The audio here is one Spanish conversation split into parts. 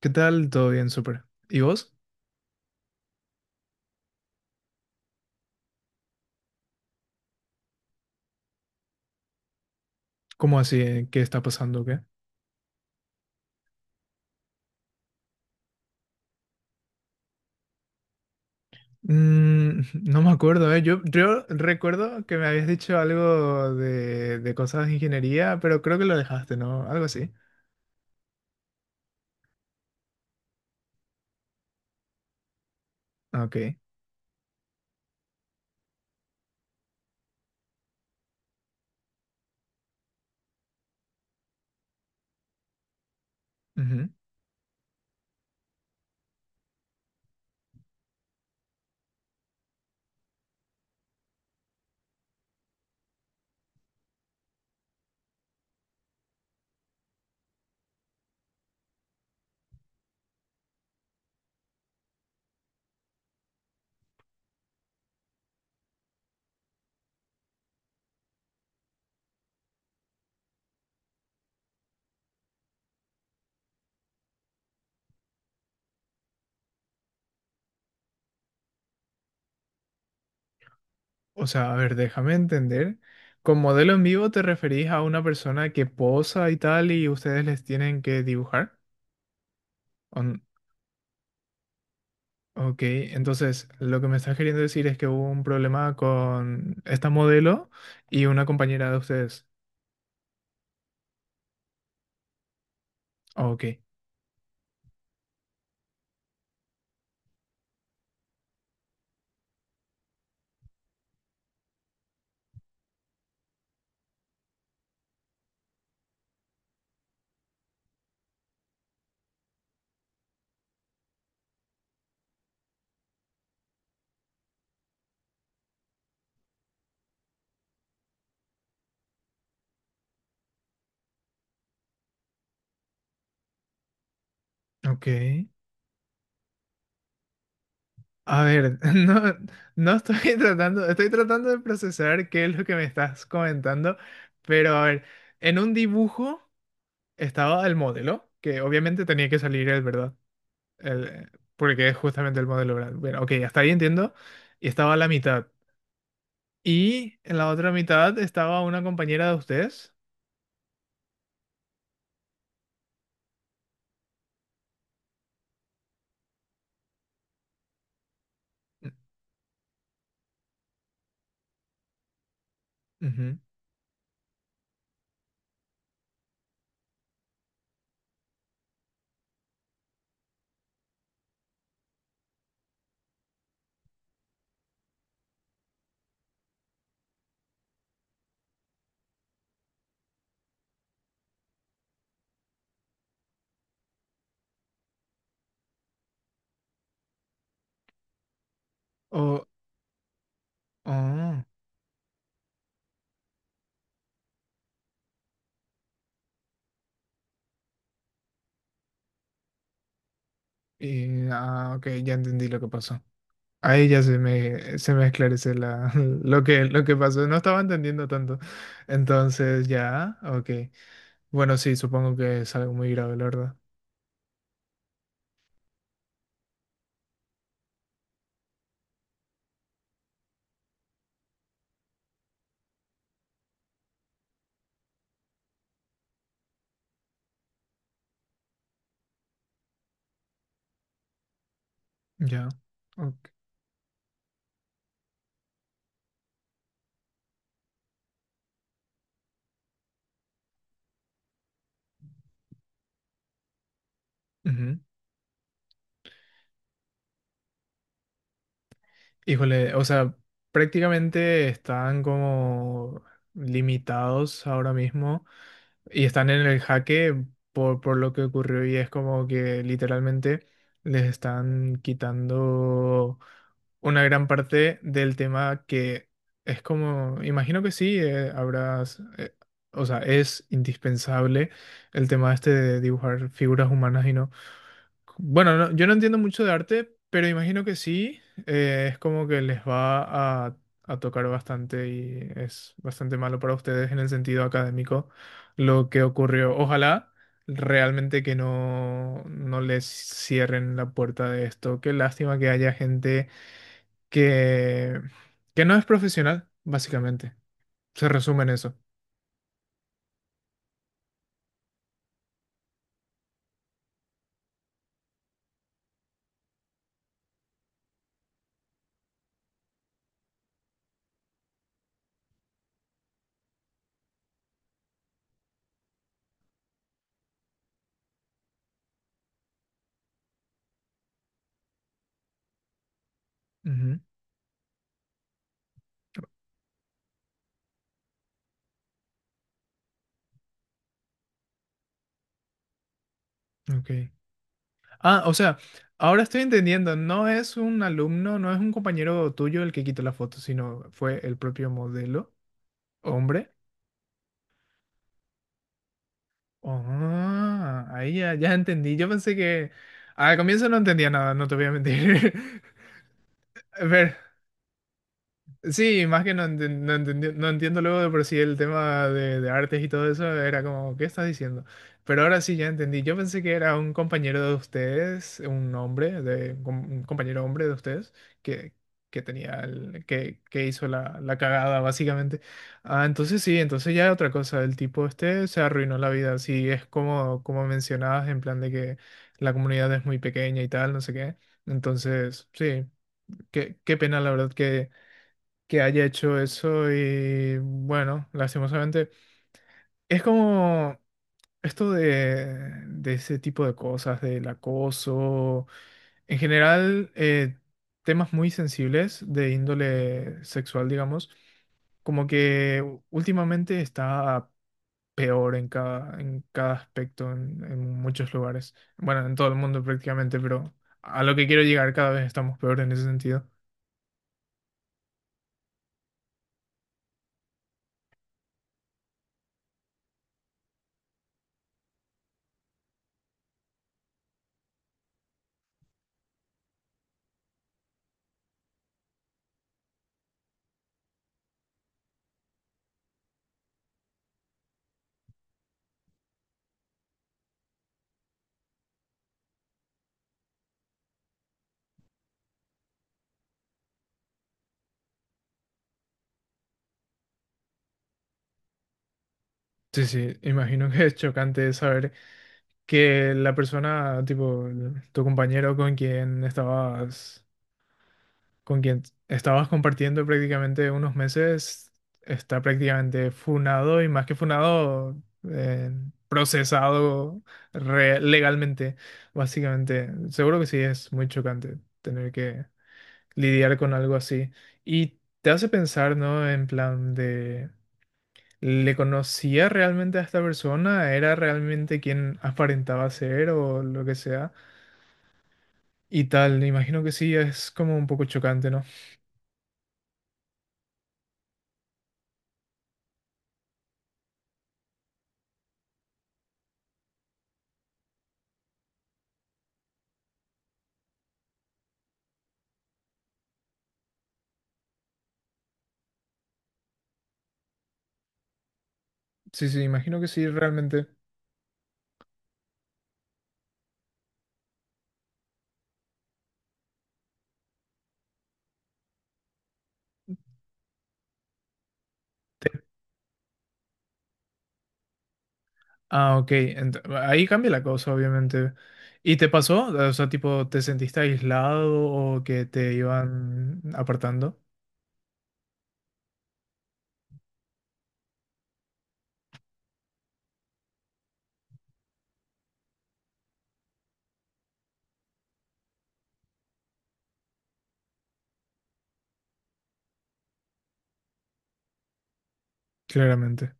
¿Qué tal? Todo bien, súper. ¿Y vos? ¿Cómo así? ¿Eh? ¿Qué está pasando? ¿Qué? Mm, no me acuerdo, ¿eh? Yo recuerdo que me habías dicho algo de cosas de ingeniería, pero creo que lo dejaste, ¿no? Algo así. Ah, ok. Ujú. O sea, a ver, déjame entender. Con modelo en vivo te referís a una persona que posa y tal y ustedes les tienen que dibujar. On- ok, entonces lo que me estás queriendo decir es que hubo un problema con esta modelo y una compañera de ustedes. Ok. Ok. A ver, no, no estoy tratando, estoy tratando de procesar qué es lo que me estás comentando, pero a ver, en un dibujo estaba el modelo, que obviamente tenía que salir, el, verdad, el, porque es justamente el modelo, ¿verdad? Bueno, ok, hasta ahí entiendo, y estaba a la mitad. Y en la otra mitad estaba una compañera de ustedes. Mm, ujú. O, oh, y, ah, ok, ya entendí lo que pasó. Ahí ya se me esclarece lo que pasó. No estaba entendiendo tanto. Entonces, ya, ok. Bueno, sí, supongo que es algo muy grave, la verdad. Ya. Ok. Ujú. Híjole, o sea, prácticamente están como limitados ahora mismo y están en el jaque por lo que ocurrió, y es como que literalmente les están quitando una gran parte del tema, que es como, imagino que sí, habrás, o sea, es indispensable el tema este de dibujar figuras humanas, y no. Bueno, yo no entiendo mucho de arte, pero imagino que sí. Es como que les va a tocar bastante, y es bastante malo para ustedes en el sentido académico lo que ocurrió. Ojalá realmente que no, no les cierren la puerta de esto. Qué lástima que haya gente que, que no es profesional, básicamente. Se resume en eso. Ujú, ok. Ah, o sea, ahora estoy entendiendo, no es un alumno, no es un compañero tuyo el que quitó la foto, sino fue el propio modelo, hombre. Ah, ahí ya, ya entendí. Yo pensé que al comienzo no entendía nada, no te voy a mentir. Pero, sí, más que no, no, no entiendo luego de por sí el tema de artes y todo eso, era como, ¿qué estás diciendo? Pero ahora sí ya entendí. Yo pensé que era un compañero de ustedes, un hombre, de, un compañero hombre de ustedes, que, que hizo la, la cagada, básicamente. Ah, entonces sí, entonces ya otra cosa. El tipo este se arruinó la vida. Sí, es como, como mencionabas, en plan de que la comunidad es muy pequeña y tal, no sé qué. Entonces, sí, qué, qué pena, la verdad, que haya hecho eso, y bueno, lastimosamente es como esto de ese tipo de cosas, del acoso, en general temas muy sensibles de índole sexual, digamos, como que últimamente está peor en cada aspecto, en muchos lugares, bueno, en todo el mundo prácticamente, pero a lo que quiero llegar, cada vez estamos peor en ese sentido. Sí, sí, imagino que es chocante saber que la persona, tipo, tu compañero con quien estabas compartiendo prácticamente unos meses, está prácticamente funado y más que funado, eh, procesado legalmente, básicamente. Seguro que sí es muy chocante tener que lidiar con algo así. Y te hace pensar, ¿no? En plan de... ¿Le conocía realmente a esta persona? ¿Era realmente quien aparentaba ser o lo que sea? Y tal, imagino que sí, es como un poco chocante, ¿no? Sí, sí, imagino que sí, realmente. Ah, ok, ahí cambia la cosa, obviamente. ¿Y te pasó? O sea, tipo, ¿te sentiste aislado o que te iban apartando? Claramente.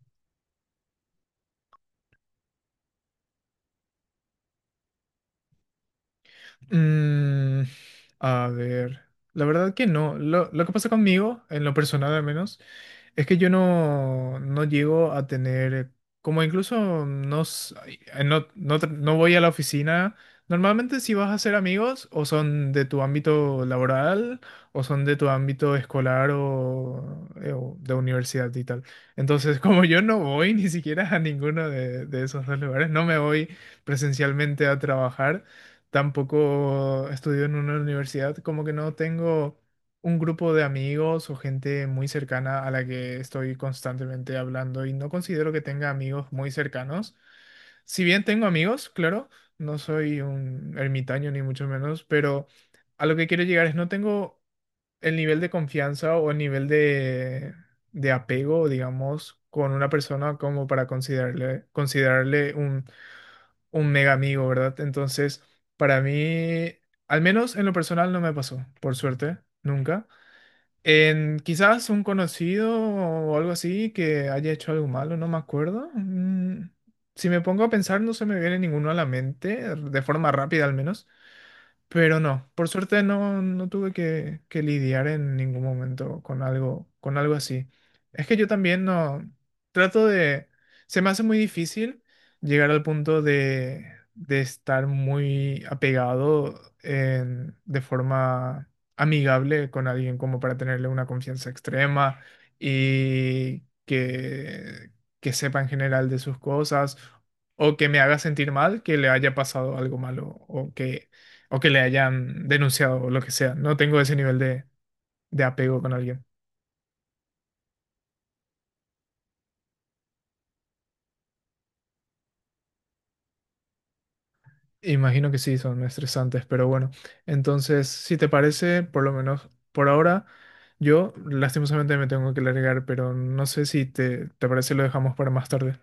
Mm, a ver, la verdad que no. Lo que pasa conmigo, en lo personal al menos, es que yo no, no llego a tener, como incluso no, s- ay, no, no, tra- no voy a la oficina. Normalmente si vas a hacer amigos, o son de tu ámbito laboral, o son de tu ámbito escolar o de universidad y tal. Entonces, como yo no voy ni siquiera a ninguno de esos dos lugares, no me voy presencialmente a trabajar, tampoco estudio en una universidad, como que no tengo un grupo de amigos o gente muy cercana a la que estoy constantemente hablando, y no considero que tenga amigos muy cercanos. Si bien tengo amigos, claro, no soy un ermitaño ni mucho menos, pero a lo que quiero llegar es, no tengo el nivel de confianza o el nivel de apego, digamos, con una persona como para considerarle, considerarle un mega amigo, ¿verdad? Entonces, para mí, al menos en lo personal no me pasó, por suerte, nunca. En quizás un conocido o algo así que haya hecho algo malo, no me acuerdo. Mm, si me pongo a pensar, no se me viene ninguno a la mente, de forma rápida al menos. Pero no, por suerte no, no tuve que lidiar en ningún momento con algo así. Es que yo también no trato de, se me hace muy difícil llegar al punto de estar muy apegado de forma amigable con alguien como para tenerle una confianza extrema y que sepa en general de sus cosas o que me haga sentir mal que le haya pasado algo malo o que le hayan denunciado o lo que sea. No tengo ese nivel de apego con alguien. Imagino que sí, son estresantes, pero bueno. Entonces, si te parece, por lo menos por ahora, yo lastimosamente me tengo que largar, pero no sé si te, te parece lo dejamos para más tarde.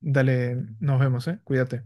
Dale, nos vemos, ¿eh? Cuídate.